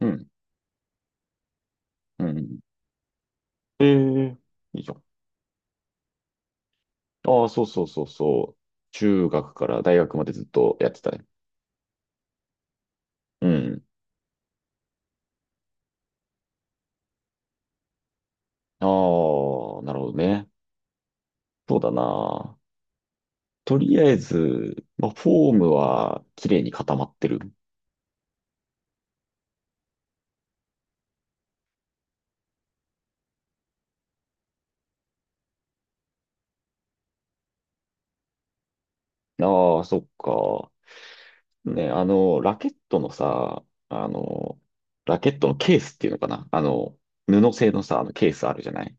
うん、うん。ええ、いいじゃん。ああ、そうそうそうそう。中学から大学までずっとやってたね。うん。ああ、なるほどね。そうだな。とりあえず、まあ、フォームは綺麗に固まってる。ああ、そっか。ね、あの、ラケットのさ、あの、ラケットのケースっていうのかな。あの、布製のさ、あのケースあるじゃない。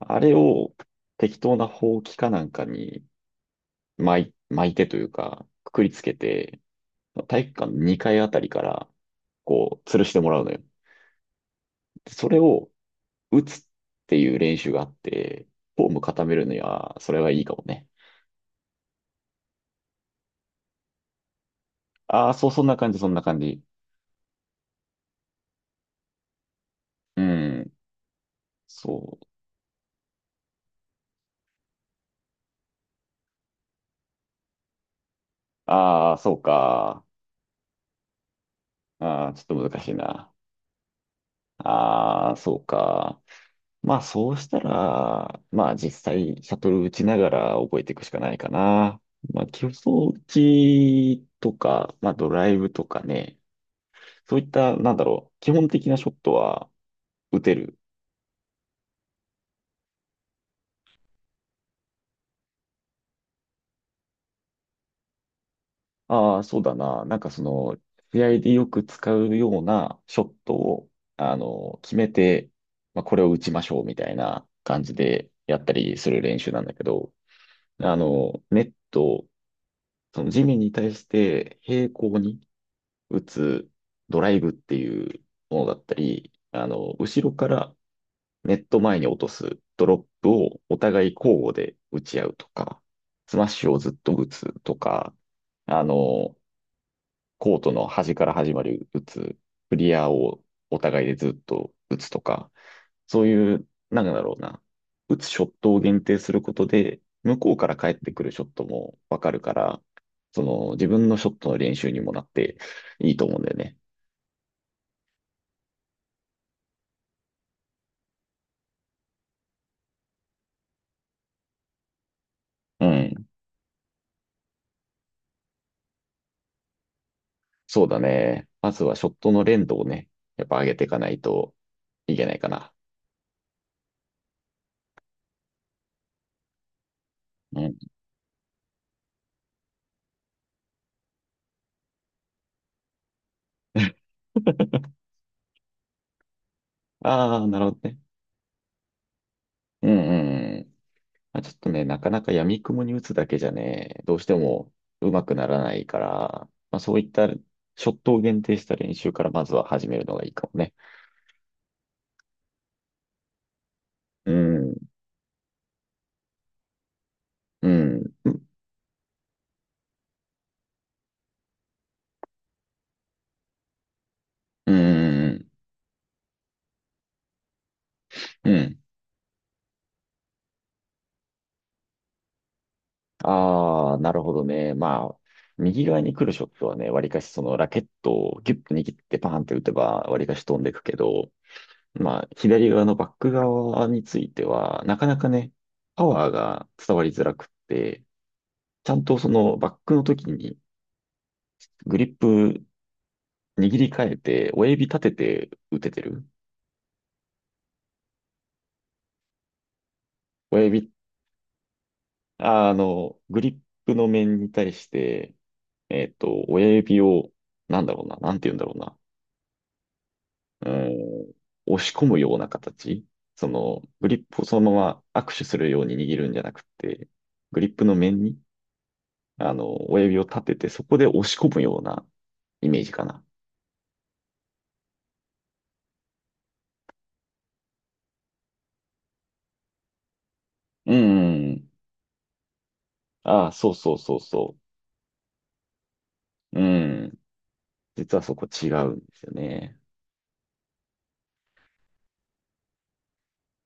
あれを適当なほうきかなんかに巻いてというか、くくりつけて、体育館の2階あたりから、こう、吊るしてもらうのよ。でそれを打つっていう練習があって、フォーム固めるには、それはいいかもね。ああ、そう、そんな感じ、そんな感じ。うん、そう。ああ、そうか。ああ、ちょっと難しいな。ああ、そうか。まあ、そうしたら、まあ、実際、シャトル打ちながら覚えていくしかないかな。まあ、基礎打ちとか、まあ、ドライブとかね、そういった、なんだろう、基本的なショットは打てる。ああ、そうだな。なんかその、試合でよく使うようなショットを、あの、決めて、まあ、これを打ちましょうみたいな感じでやったりする練習なんだけど、あの、ネット、その地面に対して平行に打つドライブっていうものだったり、あの、後ろからネット前に落とすドロップをお互い交互で打ち合うとか、スマッシュをずっと打つとか、あの、コートの端から始まる打つ、クリアをお互いでずっと打つとか、そういう、なんだろうな、打つショットを限定することで、向こうから返ってくるショットもわかるから、その自分のショットの練習にもなっていいと思うんだよね。うん。そうだね。まずはショットの連動をね、やっぱ上げていかないといけないかな。うん。ああ、なるほどね。うんうんうん。まあ、ちょっとね、なかなか闇雲に打つだけじゃね、どうしても上手くならないから、まあ、そういったショットを限定した練習からまずは始めるのがいいかもね。うん、うん、うん、うん、うん。うん、ああ、なるほどね。まあ、右側に来るショットはね、わりかしそのラケットをギュッと握ってパーンって打てば、わりかし飛んでくけど、まあ、左側のバック側については、なかなかね、パワーが伝わりづらくって、ちゃんとそのバックの時にグリップ握り替えて、親指立てて打ててる。親指、あの、グリップの面に対して、親指を、なんだろうな、なんて言うんだろうな。うん、押し込むような形。その、グリップをそのまま握手するように握るんじゃなくて、グリップの面に、あの、親指を立てて、そこで押し込むようなイメージかな。うん。ああ、そうそうそうそう。うん。実はそこ違うんですよね。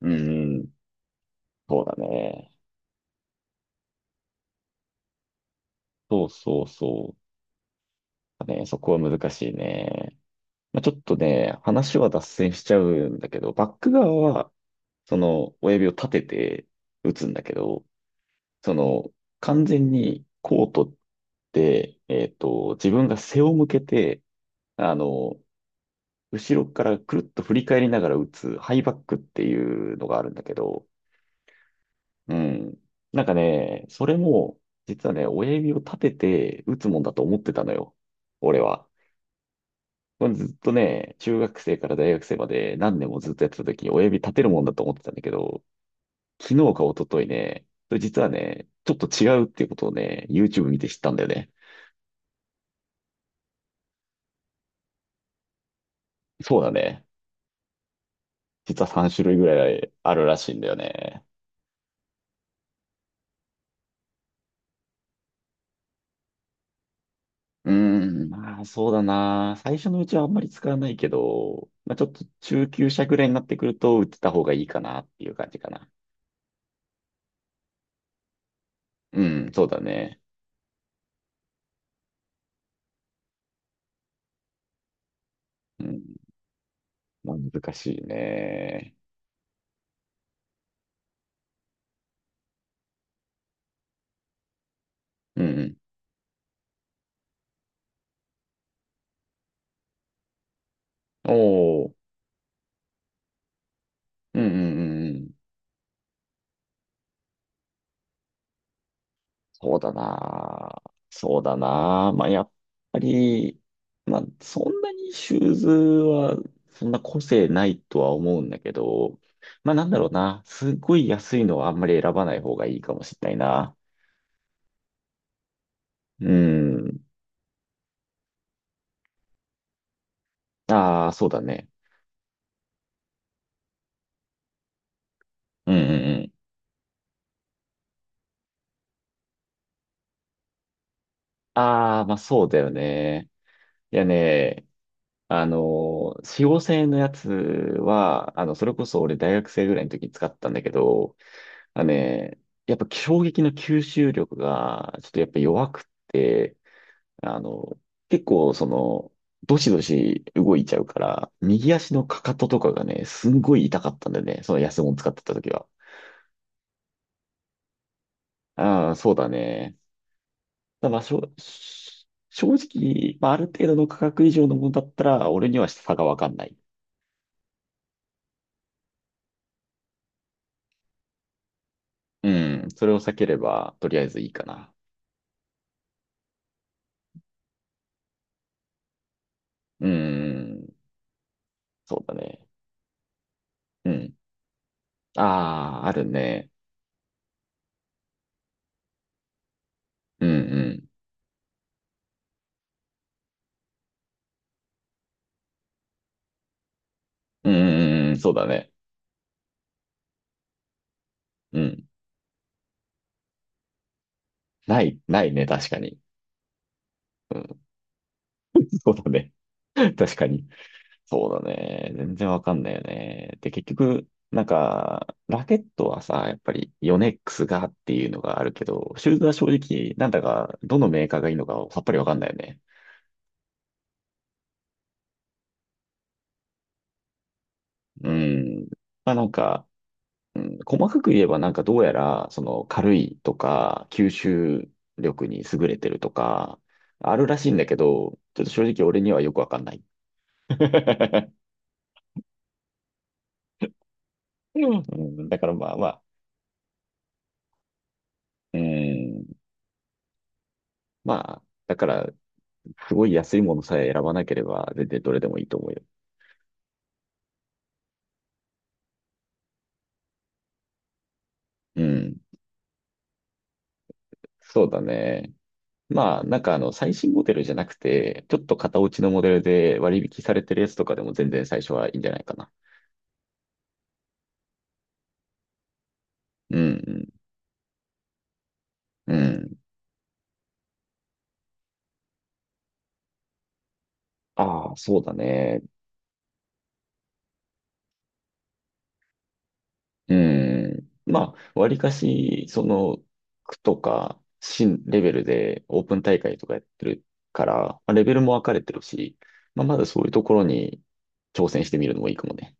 うん。そうだね。そうそうそう。ね、そこは難しいね。まあ、ちょっとね、話は脱線しちゃうんだけど、バック側はその親指を立てて打つんだけど、その完全にコートって、自分が背を向けて、あの、後ろからくるっと振り返りながら打つハイバックっていうのがあるんだけど、うん。なんかね、それも、実はね、親指を立てて打つもんだと思ってたのよ。俺は。これずっとね、中学生から大学生まで何年もずっとやってた時に親指立てるもんだと思ってたんだけど、昨日か一昨日ね、それ実はね、ちょっと違うっていうことをね、YouTube 見て知ったんだよね。そうだね。実は3種類ぐらいあるらしいんだよね。うーん、まあそうだな。最初のうちはあんまり使わないけど、まあちょっと中級者ぐらいになってくると打ってた方がいいかなっていう感じかな。うん、そうだね。うん、まあ難しいね。うん。おー、うんうんうんうん。そうだな。そうだな。まあ、やっぱり、まあ、そんなにシューズは、そんな個性ないとは思うんだけど、まあ、なんだろうな。すっごい安いのはあんまり選ばない方がいいかもしれないな。うん。ああ、そうだね。うんうんうん。ああ、まあ、そうだよね。いやね、使用性のやつは、あの、それこそ俺大学生ぐらいの時に使ったんだけど、あね、やっぱ衝撃の吸収力が、ちょっとやっぱ弱くって、あの、結構その、どしどし動いちゃうから、右足のかかととかがね、すんごい痛かったんだよね。その安物使ってた時は。ああ、そうだね。ただまあ、しょ、し正直、まあ、ある程度の価格以上のものだったら、俺には差がわかんない。うん。それを避ければ、とりあえずいいかな。うん。そうだね。うん。ああ、あるね。うんうんうんうんうん、そうだね。うん。ない、ないね、確かに。うん。そうだね。確かに。そうだね。全然わかんないよね。で、結局、なんか、ラケットはさ、やっぱりヨネックスがっていうのがあるけど、シューズは正直、なんだか、どのメーカーがいいのかさっぱりわかんないよね。うん。まあなんか、うん、細かく言えばなんかどうやら、その軽いとか、吸収力に優れてるとか、あるらしいんだけど、ちょっと正直俺にはよくわかんない。うんだからまあまあ、うん、まあ、だから、すごい安いものさえ選ばなければ、全然どれでもいいと思うよ。うん、そうだね。まあ、なんかあの、最新モデルじゃなくて、ちょっと型落ちのモデルで割引されてるやつとかでも全然最初はいいんじゃないかな。うん、うん。うん、ああ、そうだね。うん。まあ、わりかし、その、区とか、新レベルでオープン大会とかやってるから、まあレベルも分かれてるし、まあ、まだそういうところに挑戦してみるのもいいかもね。